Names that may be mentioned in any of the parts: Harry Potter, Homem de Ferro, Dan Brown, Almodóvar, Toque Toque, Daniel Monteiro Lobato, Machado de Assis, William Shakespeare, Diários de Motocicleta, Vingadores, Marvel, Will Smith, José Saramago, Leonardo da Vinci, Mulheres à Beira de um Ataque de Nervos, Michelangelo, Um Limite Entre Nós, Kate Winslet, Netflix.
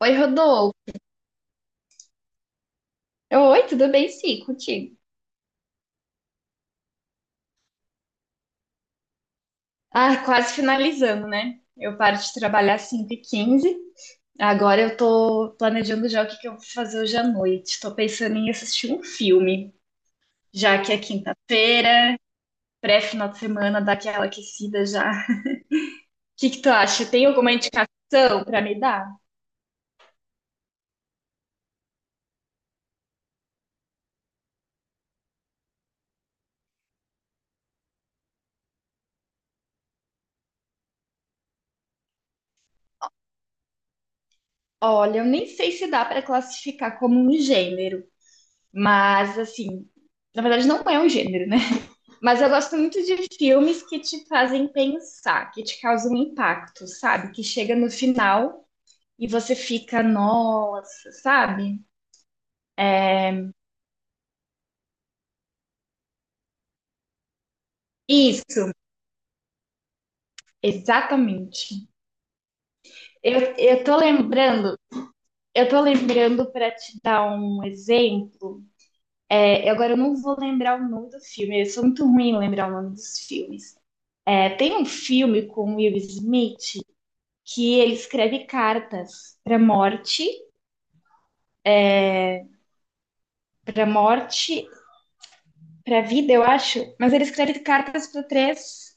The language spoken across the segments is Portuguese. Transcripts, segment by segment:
Oi, Rodolfo. Oi, tudo bem? Sim, contigo. Ah, quase finalizando, né? Eu paro de trabalhar às 5h15. Agora eu tô planejando já o que eu vou fazer hoje à noite. Tô pensando em assistir um filme, já que é quinta-feira, pré-final de semana, dá aquela aquecida já. O que tu acha? Tem alguma indicação pra me dar? Olha, eu nem sei se dá pra classificar como um gênero, mas assim, na verdade não é um gênero, né? Mas eu gosto muito de filmes que te fazem pensar, que te causam impacto, sabe? Que chega no final e você fica, nossa, sabe? Isso, exatamente. Eu tô lembrando, eu tô lembrando para te dar um exemplo. Agora eu não vou lembrar o nome do filme, eu sou muito ruim em lembrar o nome dos filmes. Tem um filme com Will Smith que ele escreve cartas pra morte, pra morte pra vida, eu acho. Mas ele escreve cartas para três.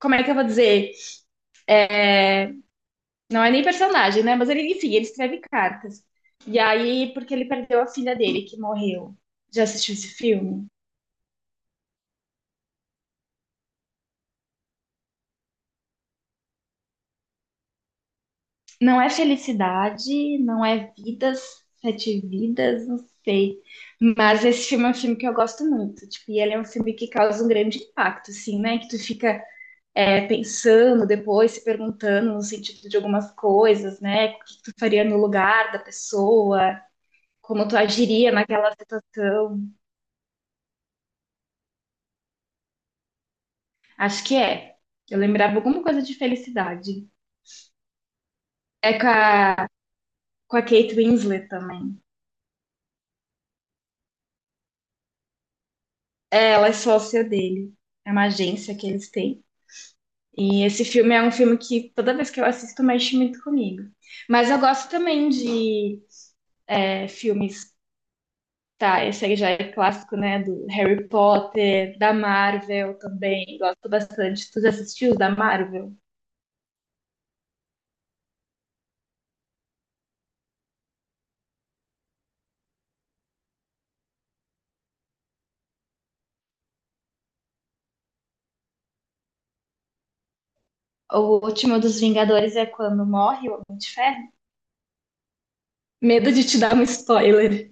Como é que eu vou dizer? Não é nem personagem, né? Mas ele, enfim, ele escreve cartas. E aí, porque ele perdeu a filha dele, que morreu. Já assistiu esse filme? Não é felicidade, não é vidas, sete vidas, não sei. Mas esse filme é um filme que eu gosto muito. Tipo, e ele é um filme que causa um grande impacto, assim, né? Que tu fica pensando depois, se perguntando no sentido de algumas coisas, né? O que tu faria no lugar da pessoa, como tu agiria naquela situação. Acho que é. Eu lembrava alguma coisa de felicidade. É com a Kate Winslet também. Ela é sócia dele. É uma agência que eles têm. E esse filme é um filme que toda vez que eu assisto mexe muito comigo. Mas eu gosto também de filmes, tá? Esse aí já é clássico, né? Do Harry Potter, da Marvel também. Gosto bastante. Tu já assistiu os da Marvel? O último dos Vingadores é quando morre o Homem de Ferro. Medo de te dar um spoiler.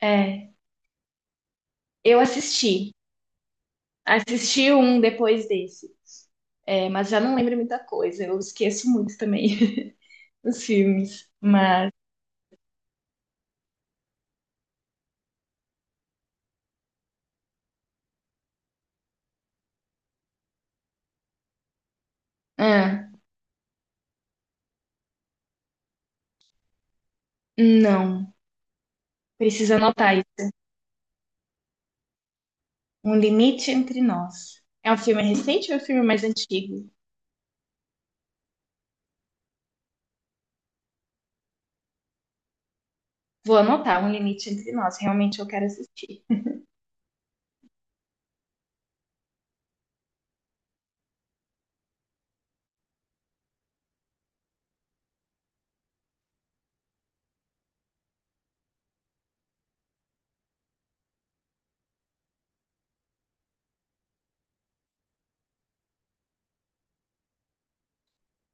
É, eu assisti. Assisti um depois desse. É, mas já não lembro muita coisa. Eu esqueço muito também os filmes. Mas. Ah, não. Precisa anotar isso. Um Limite Entre Nós. É um filme recente ou é um filme mais antigo? Vou anotar Um Limite Entre Nós. Realmente eu quero assistir.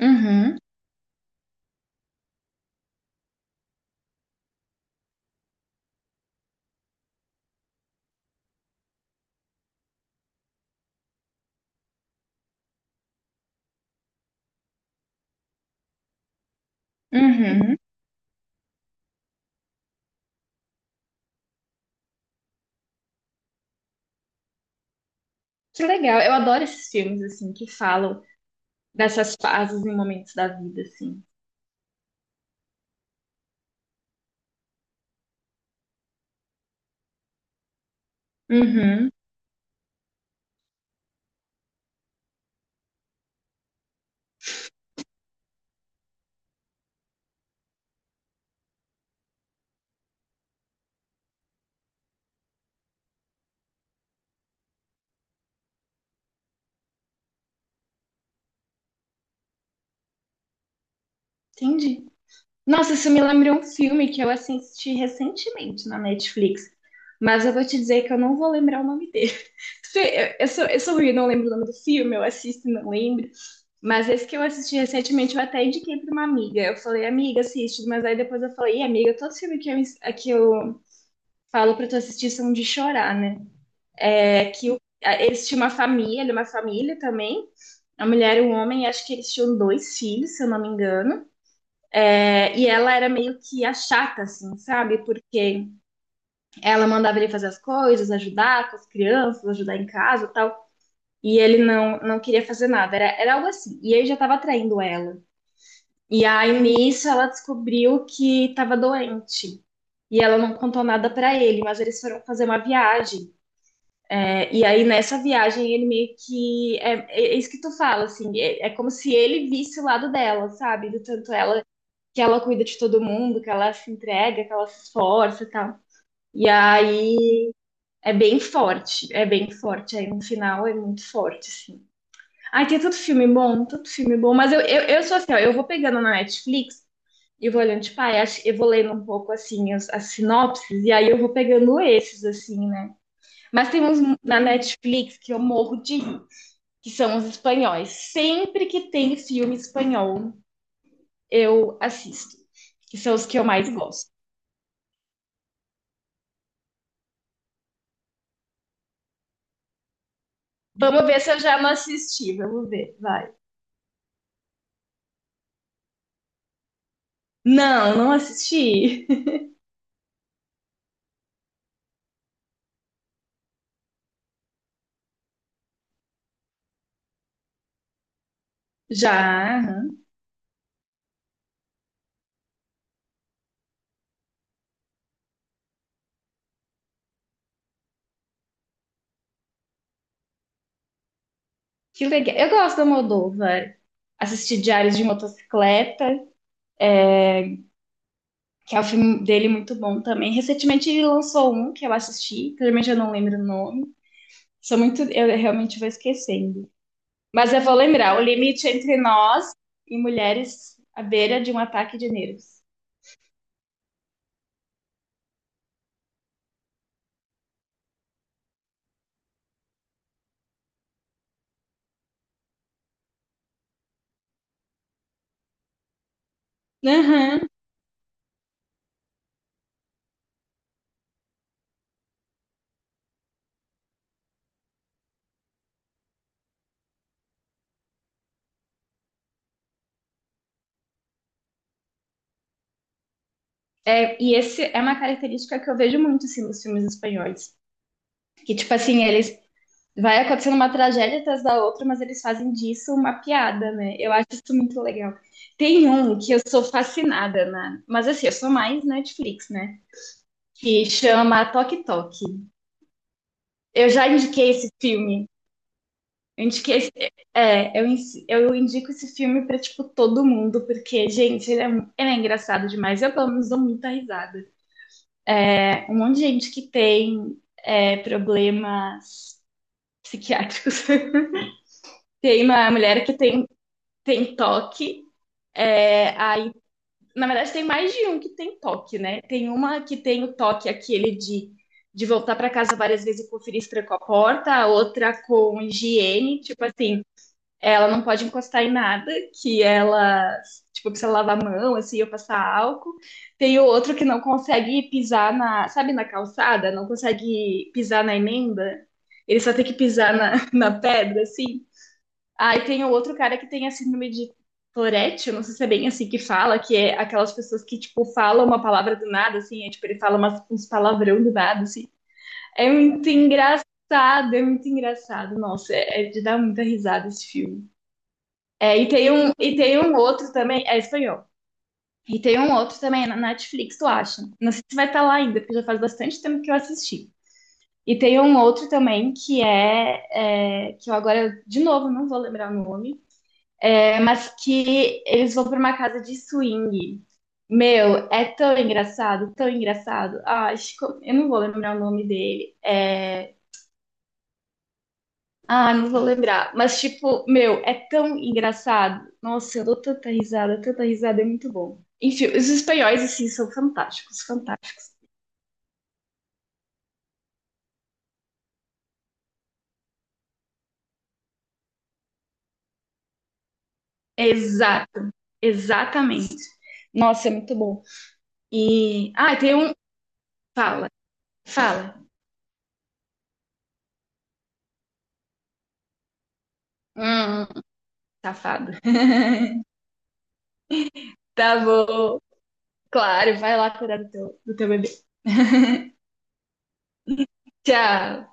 Uhum, uhum. Que legal. Eu adoro esses filmes, assim, que falam dessas fases e momentos da vida, assim. Uhum. Entendi. Nossa, isso me lembrou um filme que eu assisti recentemente na Netflix. Mas eu vou te dizer que eu não vou lembrar o nome dele. Se- Eu sou, eu sou ruim, eu não lembro o nome do filme, eu assisto e não lembro. Mas esse que eu assisti recentemente, eu até indiquei para uma amiga. Eu falei, amiga, assiste. Mas aí depois eu falei, "Ih, amiga, todo os filmes que eu, ins- que eu falo para tu assistir são de chorar, né?" É que o- a- eles tinham uma família, ele é uma família também. A mulher e um homem, acho que eles tinham dois filhos, se eu não me engano. É, e ela era meio que a chata, assim, sabe? Porque ela mandava ele fazer as coisas, ajudar com as crianças, ajudar em casa e tal. E ele não queria fazer nada, era algo assim. E ele já estava traindo ela. E aí, nisso, ela descobriu que estava doente. E ela não contou nada para ele, mas eles foram fazer uma viagem. E aí, nessa viagem, ele meio que. É isso que tu fala, assim. É como se ele visse o lado dela, sabe? Do tanto ela que ela cuida de todo mundo, que ela se entrega, que ela se esforça e tal. E aí é bem forte, é bem forte. Aí no final é muito forte, sim. Ai, tem tanto filme bom, tanto filme bom. Mas eu sou assim, ó, eu vou pegando na Netflix e vou olhando, tipo, ai, acho- eu vou lendo um pouco, assim, as sinopses, e aí eu vou pegando esses, assim, né? Mas tem uns na Netflix que eu morro de rir, que são os espanhóis. Sempre que tem filme espanhol, eu assisto, que são os que eu mais gosto. Vamos ver se eu já não assisti, vamos ver, vai. Não, não assisti. Já. Que legal. Eu gosto do Almodóvar. Assisti Diários de Motocicleta, que é o filme dele muito bom também. Recentemente ele lançou um que eu assisti, que realmente eu não lembro o nome. Sou muito, eu realmente vou esquecendo. Mas eu vou lembrar, O Limite Entre Nós e Mulheres à Beira de um Ataque de Nervos. Uhum. É, e esse é uma característica que eu vejo muito assim, nos filmes espanhóis. Que, tipo assim, eles vai acontecendo uma tragédia atrás da outra, mas eles fazem disso uma piada, né? Eu acho isso muito legal. Tem um que eu sou fascinada, né? Mas assim, eu sou mais Netflix, né? Que chama Toque Toque. Eu já indiquei esse filme. Eu indiquei esse- eu indico esse filme pra, tipo, todo mundo, porque, gente, ele é, mu- ele é engraçado demais. Eu, pelo menos, dou muita risada. É, um monte de gente que tem problemas psiquiátricos. Tem uma mulher que tem, tem toque. É, aí, na verdade, tem mais de um que tem toque, né? Tem uma que tem o toque aquele de voltar para casa várias vezes e conferir se trancou a porta, a outra com higiene, tipo assim, ela não pode encostar em nada, que ela, tipo, precisa lavar a mão, assim, ou passar álcool. Tem o outro que não consegue pisar na, sabe, na calçada, não consegue pisar na emenda, ele só tem que pisar na, na pedra, assim. Ah, e tem o outro cara que tem a síndrome de Tourette, eu não sei se é bem assim que fala, que é aquelas pessoas que, tipo, falam uma palavra do nada, assim, tipo, ele fala umas, uns palavrão do nada, assim. É muito engraçado, é muito engraçado. Nossa, é de dar muita risada esse filme. E tem um outro também, é espanhol. E tem um outro também na Netflix, tu acha? Não sei se vai estar lá ainda, porque já faz bastante tempo que eu assisti. E tem um outro também é que eu agora de novo não vou lembrar o nome, é, mas que eles vão pra uma casa de swing. Meu, é tão engraçado, tão engraçado. Ah, acho que eu não vou lembrar o nome dele. É... Ah, não vou lembrar. Mas, tipo, meu, é tão engraçado. Nossa, eu dou tanta risada, é muito bom. Enfim, os espanhóis, assim, são fantásticos, fantásticos. Exato, exatamente. Nossa, é muito bom. E. Ah, tem um. Fala, fala. Hum, safado. Tá bom. Claro, vai lá cuidar do do teu bebê. Tchau.